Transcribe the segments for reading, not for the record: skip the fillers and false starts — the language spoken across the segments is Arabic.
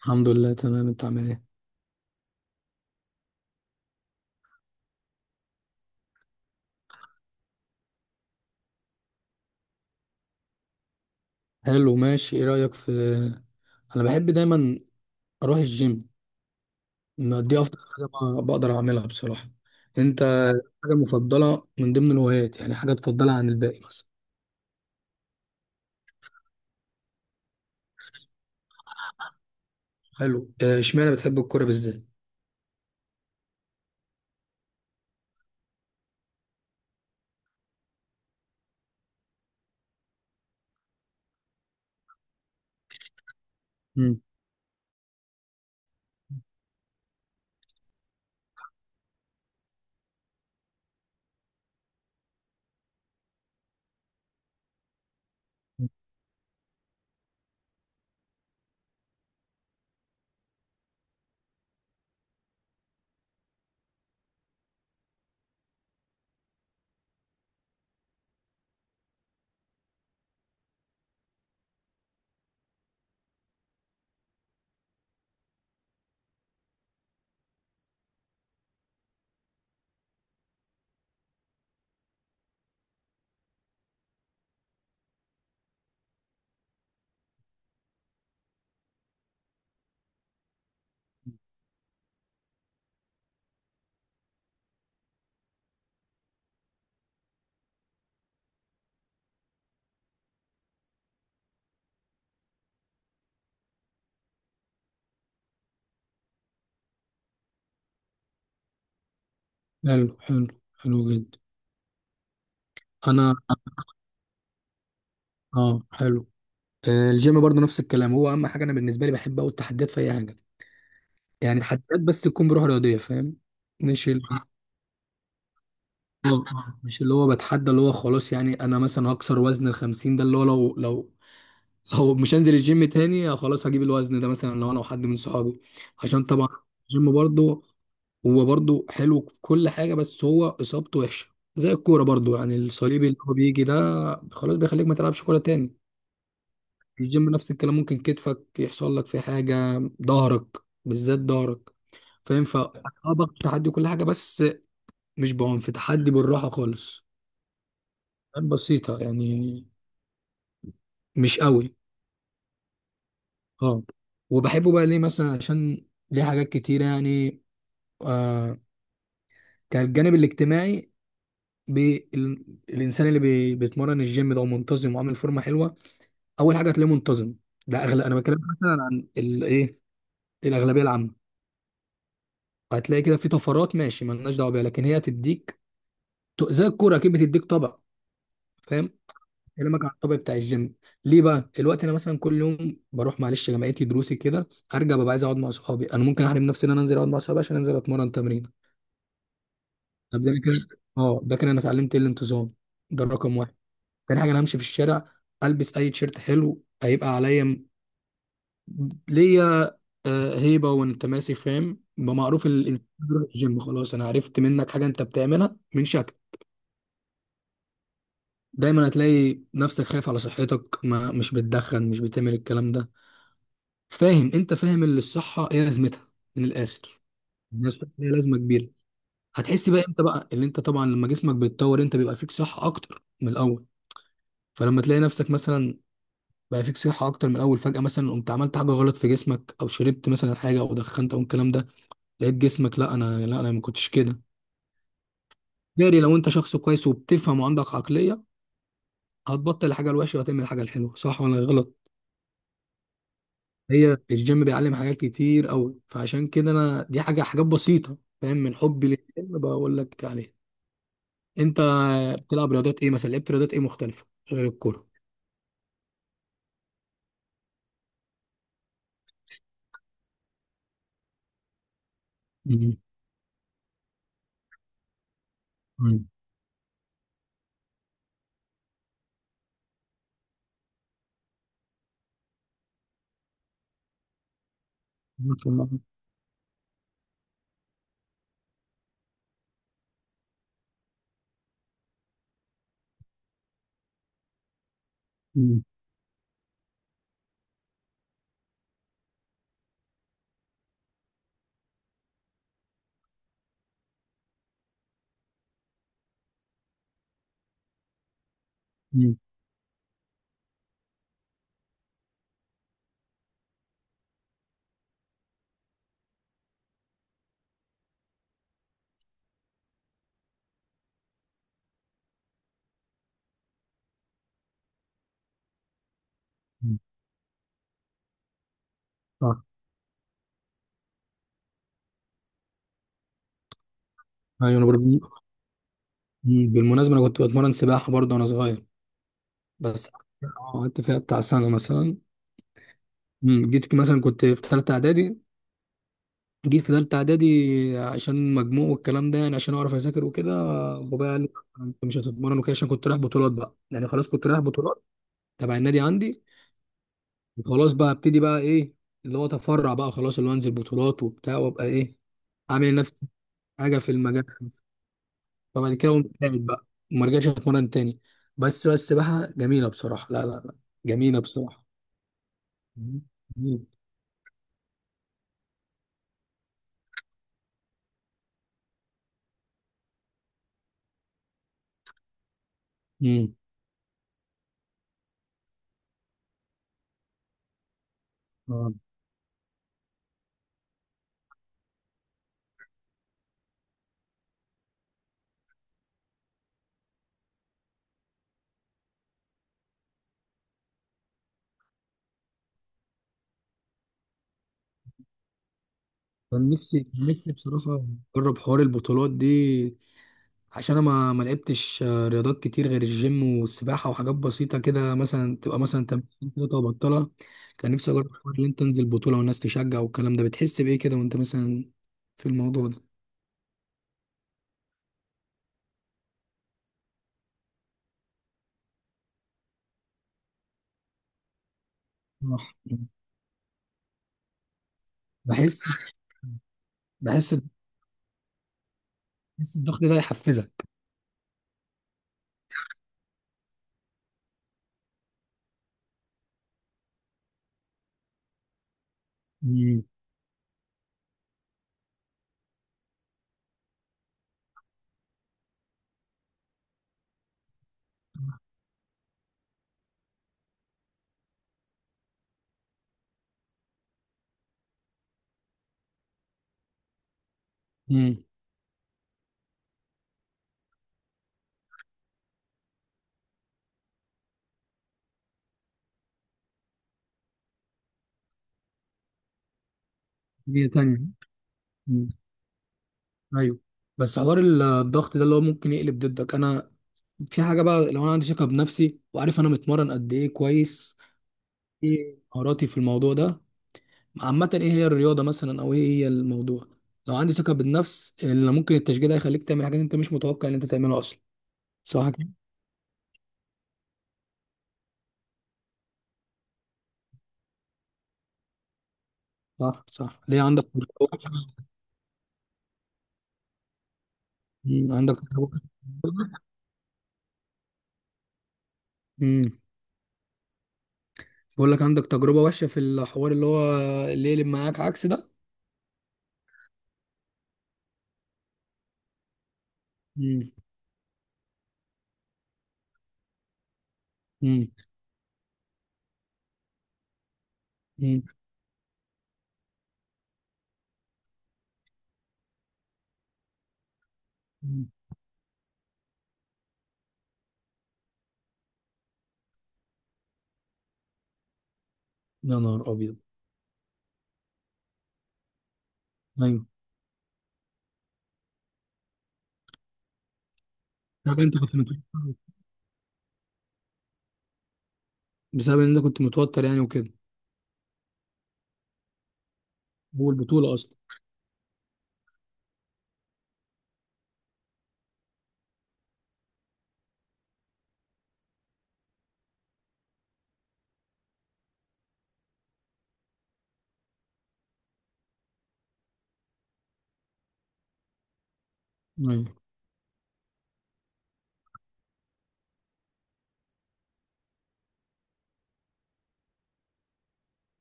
الحمد لله، تمام. انت عامل ايه؟ حلو، ماشي. ايه رأيك في انا بحب دايما اروح الجيم. ما دي افضل حاجة بقدر اعملها بصراحة. انت؟ حاجة مفضلة من ضمن الهوايات، يعني حاجة تفضلها عن الباقي مثلا؟ حلو. اه، اشمعنى بتحب الكورة بالذات؟ مم. حلو، حلو. حلو جدا. انا. اه، حلو. آه، الجيم برضه نفس الكلام، هو اهم حاجه انا بالنسبه لي بحب اوي التحديات في اي حاجه. يعني تحديات، بس تكون بروح رياضيه، فاهم. مش ال- مش اللي هو بتحدى اللي هو خلاص، يعني انا مثلا هكسر وزن ال 50 ده، اللي هو لو مش هنزل الجيم تاني، خلاص هجيب الوزن ده مثلا لو انا وحد من صحابي. عشان طبعا الجيم برضه، هو برضه حلو في كل حاجة، بس هو إصابته وحشة. زي الكورة برضه، يعني الصليبي اللي هو بيجي ده خلاص بيخليك ما تلعبش كورة تاني. الجيم نفس الكلام، ممكن كتفك يحصل لك فيه حاجة، ظهرك، بالذات ظهرك، فاهم. ف باخد تحدي كل حاجة، بس مش بعنف. تحدي بالراحة خالص، بسيطة يعني، مش قوي. اه. وبحبه بقى ليه؟ مثلا عشان ليه حاجات كتير، يعني آه كان الجانب الاجتماعي. الإنسان اللي بيتمرن الجيم ده ومنتظم وعامل فورمة حلوة، أول حاجة هتلاقيه منتظم. ده أغلى. أنا بتكلم مثلا عن الإيه، الأغلبية العامة. هتلاقي كده في طفرات ماشي، مالناش دعوة بيها، لكن هي تديك. زي الكورة أكيد بتديك طبع، فاهم كلامك عن الطبيعي بتاع الجيم. ليه بقى الوقت؟ انا مثلا كل يوم بروح معلش جامعتي دروسي كده، ارجع ببقى عايز اقعد مع صحابي. انا ممكن احرم نفسي ان انا انزل اقعد مع صحابي عشان انزل اتمرن تمرين. طب ده أنا كده. اه، ده كده انا اتعلمت ايه؟ الانتظام، ده الرقم واحد. تاني حاجه، انا همشي في الشارع البس اي تيشيرت حلو هيبقى عليا. ليا آه، هيبه وانت ماشي، فاهم. ما معروف الإنسان بيروح الجيم، خلاص انا عرفت منك حاجه انت بتعملها من شكل. دايما هتلاقي نفسك خايف على صحتك، ما مش بتدخن، مش بتعمل الكلام ده، فاهم. انت فاهم اللي الصحه ايه لازمتها، من الاخر. يعني الصحه ليها لازمه كبيره. هتحس بقى امتى؟ بقى اللي انت طبعا لما جسمك بيتطور انت بيبقى فيك صحه اكتر من الاول. فلما تلاقي نفسك مثلا بقى فيك صحه اكتر من الاول، فجاه مثلا قمت عملت حاجه غلط في جسمك، او شربت مثلا حاجه، او دخنت، او الكلام ده، لقيت جسمك، لا انا، لا انا ما كنتش كده. داري، لو انت شخص كويس وبتفهم وعندك عقليه، هتبطل الحاجه الوحشه وهتعمل الحاجه الحلوه، صح ولا غلط؟ هي الجيم بيعلم حاجات كتير قوي، فعشان كده انا دي حاجه، حاجات بسيطه فاهم من حبي للجيم بقول لك عليها. انت بتلعب رياضات ايه مثلا؟ لعبت رياضات ايه مختلفه غير الكوره؟ مم. مم. مم. مم. مم. صح. ايوه، انا برضه. مم. بالمناسبه انا كنت بتمرن سباحه برضه وانا صغير، بس قعدت فيها بتاع سنه مثلا. مم. جيت مثلا كنت في ثالثه اعدادي، جيت في تالتة إعدادي، عشان مجموع والكلام ده، يعني عشان أعرف أذاكر وكده. بابايا قال لي أنت مش هتتمرن وكده، عشان كنت رايح بطولات بقى، يعني خلاص كنت رايح بطولات تبع النادي عندي. وخلاص بقى ابتدي بقى إيه، اللي هو أتفرع بقى خلاص، اللي هو أنزل بطولات وبتاع وأبقى إيه عامل لنفسي حاجة في المجال. فبعد كده قمت قاعد بقى، وما رجعتش أتمرن تاني. بس بقى جميلة بصراحة. لا لا لا، جميلة بصراحة، جميلة. امم. اه، كان نفسي، كان نفسي بصراحة أجرب حوار البطولات دي. عشان انا ما لعبتش رياضات كتير غير الجيم والسباحه، وحاجات بسيطه كده، مثلا تبقى مثلا تمرين كده وبطلها. كان نفسي اجرب الحوار اللي انت تنزل بطوله والناس تشجع والكلام ده، بتحس بايه كده وانت مثلا في الموضوع ده؟ صح. بحس، بحس، بحس الضغط ده يحفزك. مم. امم. هي تانية. مم. ايوه. بس حوار الضغط ده اللي هو ممكن يقلب ضدك، انا في حاجه بقى، لو انا عندي ثقه بنفسي وعارف انا متمرن قد ايه كويس، ايه مهاراتي في الموضوع ده عامة، ايه هي الرياضة مثلا او ايه هي الموضوع. لو عندي ثقة بالنفس، اللي ممكن التشجيع ده يخليك تعمل حاجات انت مش متوقع ان انت تعملها اصلا. صح كده. صح، صح. ليه، عندك تجربة وحشة؟ مم، عندك تجربة. امم. بقول لك، عندك تجربة وحشة في الحوار اللي هو اللي يقلب معاك عكس ده؟ امم. امم. امم. أمم. يا نهار ابيض. ايوه. طب انت كنت متوتر؟ بسبب ان انت كنت متوتر يعني وكده، هو البطولة اصلا. ايوه.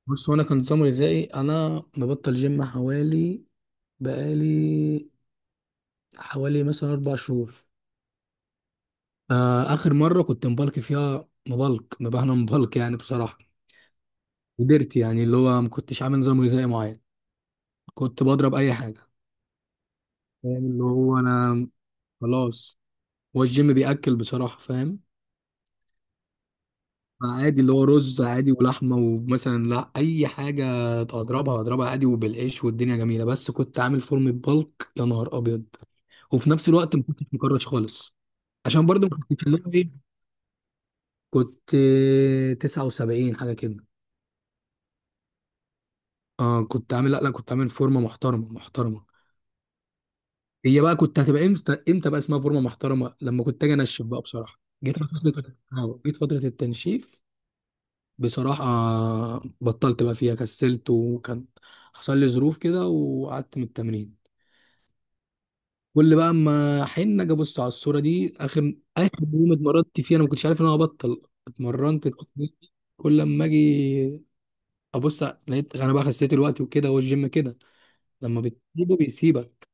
بص، هو انا كان نظام غذائي، انا مبطل جيم حوالي، بقالي حوالي مثلا أربع شهور. آخر مرة كنت مبلك فيها، مبلك مبهنا مبلك يعني بصراحة، قدرت يعني اللي هو ما كنتش عامل نظام غذائي معين. كنت بضرب أي حاجة، فاهم. اللي هو أنا خلاص، هو الجيم بيأكل بصراحة، فاهم. عادي، اللي هو رز عادي ولحمة ومثلا لا أي حاجة أضربها، أضربها عادي وبالعيش، والدنيا جميلة. بس كنت عامل فورمة بلك، يا نهار أبيض. وفي نفس الوقت ما كنتش مكرش خالص. عشان برضه ما كنتش اللي هو إيه، كنت 79 حاجة كده. اه، كنت عامل، لا لا، كنت عامل فورمه محترمه، محترمه. هي بقى كنت هتبقى امتى، امتى بقى اسمها فورمه محترمه؟ لما كنت اجي انشف بقى بصراحه، جيت على فتره جيت فتره التنشيف بصراحه. بطلت بقى فيها، كسلت، وكان حصل لي ظروف كده وقعدت من التمرين. كل بقى اما حين اجي ابص على الصوره دي، اخر اخر يوم اتمرنت فيه انا ما كنتش عارف ان انا هبطل اتمرنت التمرين دي. كل لما اجي ابص، لقيت انا بقى خسيت الوقت وكده، والجيم كده لما بتسيبه بيسيبك.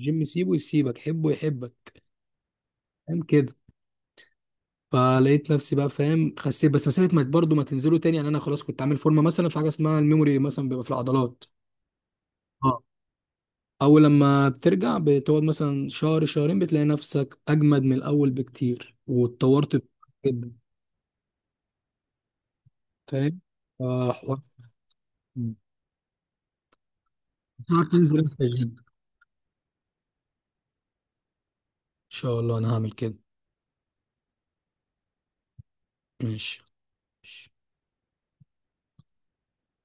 جيم سيبه يسيبك، حبه يحبك، فاهم كده. فلقيت نفسي بقى فاهم، خسيت، بس مسافه ما برضه ما تنزلوا تاني، يعني انا خلاص كنت عامل فورمه. مثلا في حاجه اسمها الميموري مثلا بيبقى في العضلات. اه. اول لما بترجع، بتقعد مثلا شهر شهرين، بتلاقي نفسك اجمد من الاول بكتير، واتطورت جدا، فاهم. فحوار. تعرف تنزل انت تاني. ان شاء الله انا هعمل كده. ماشي.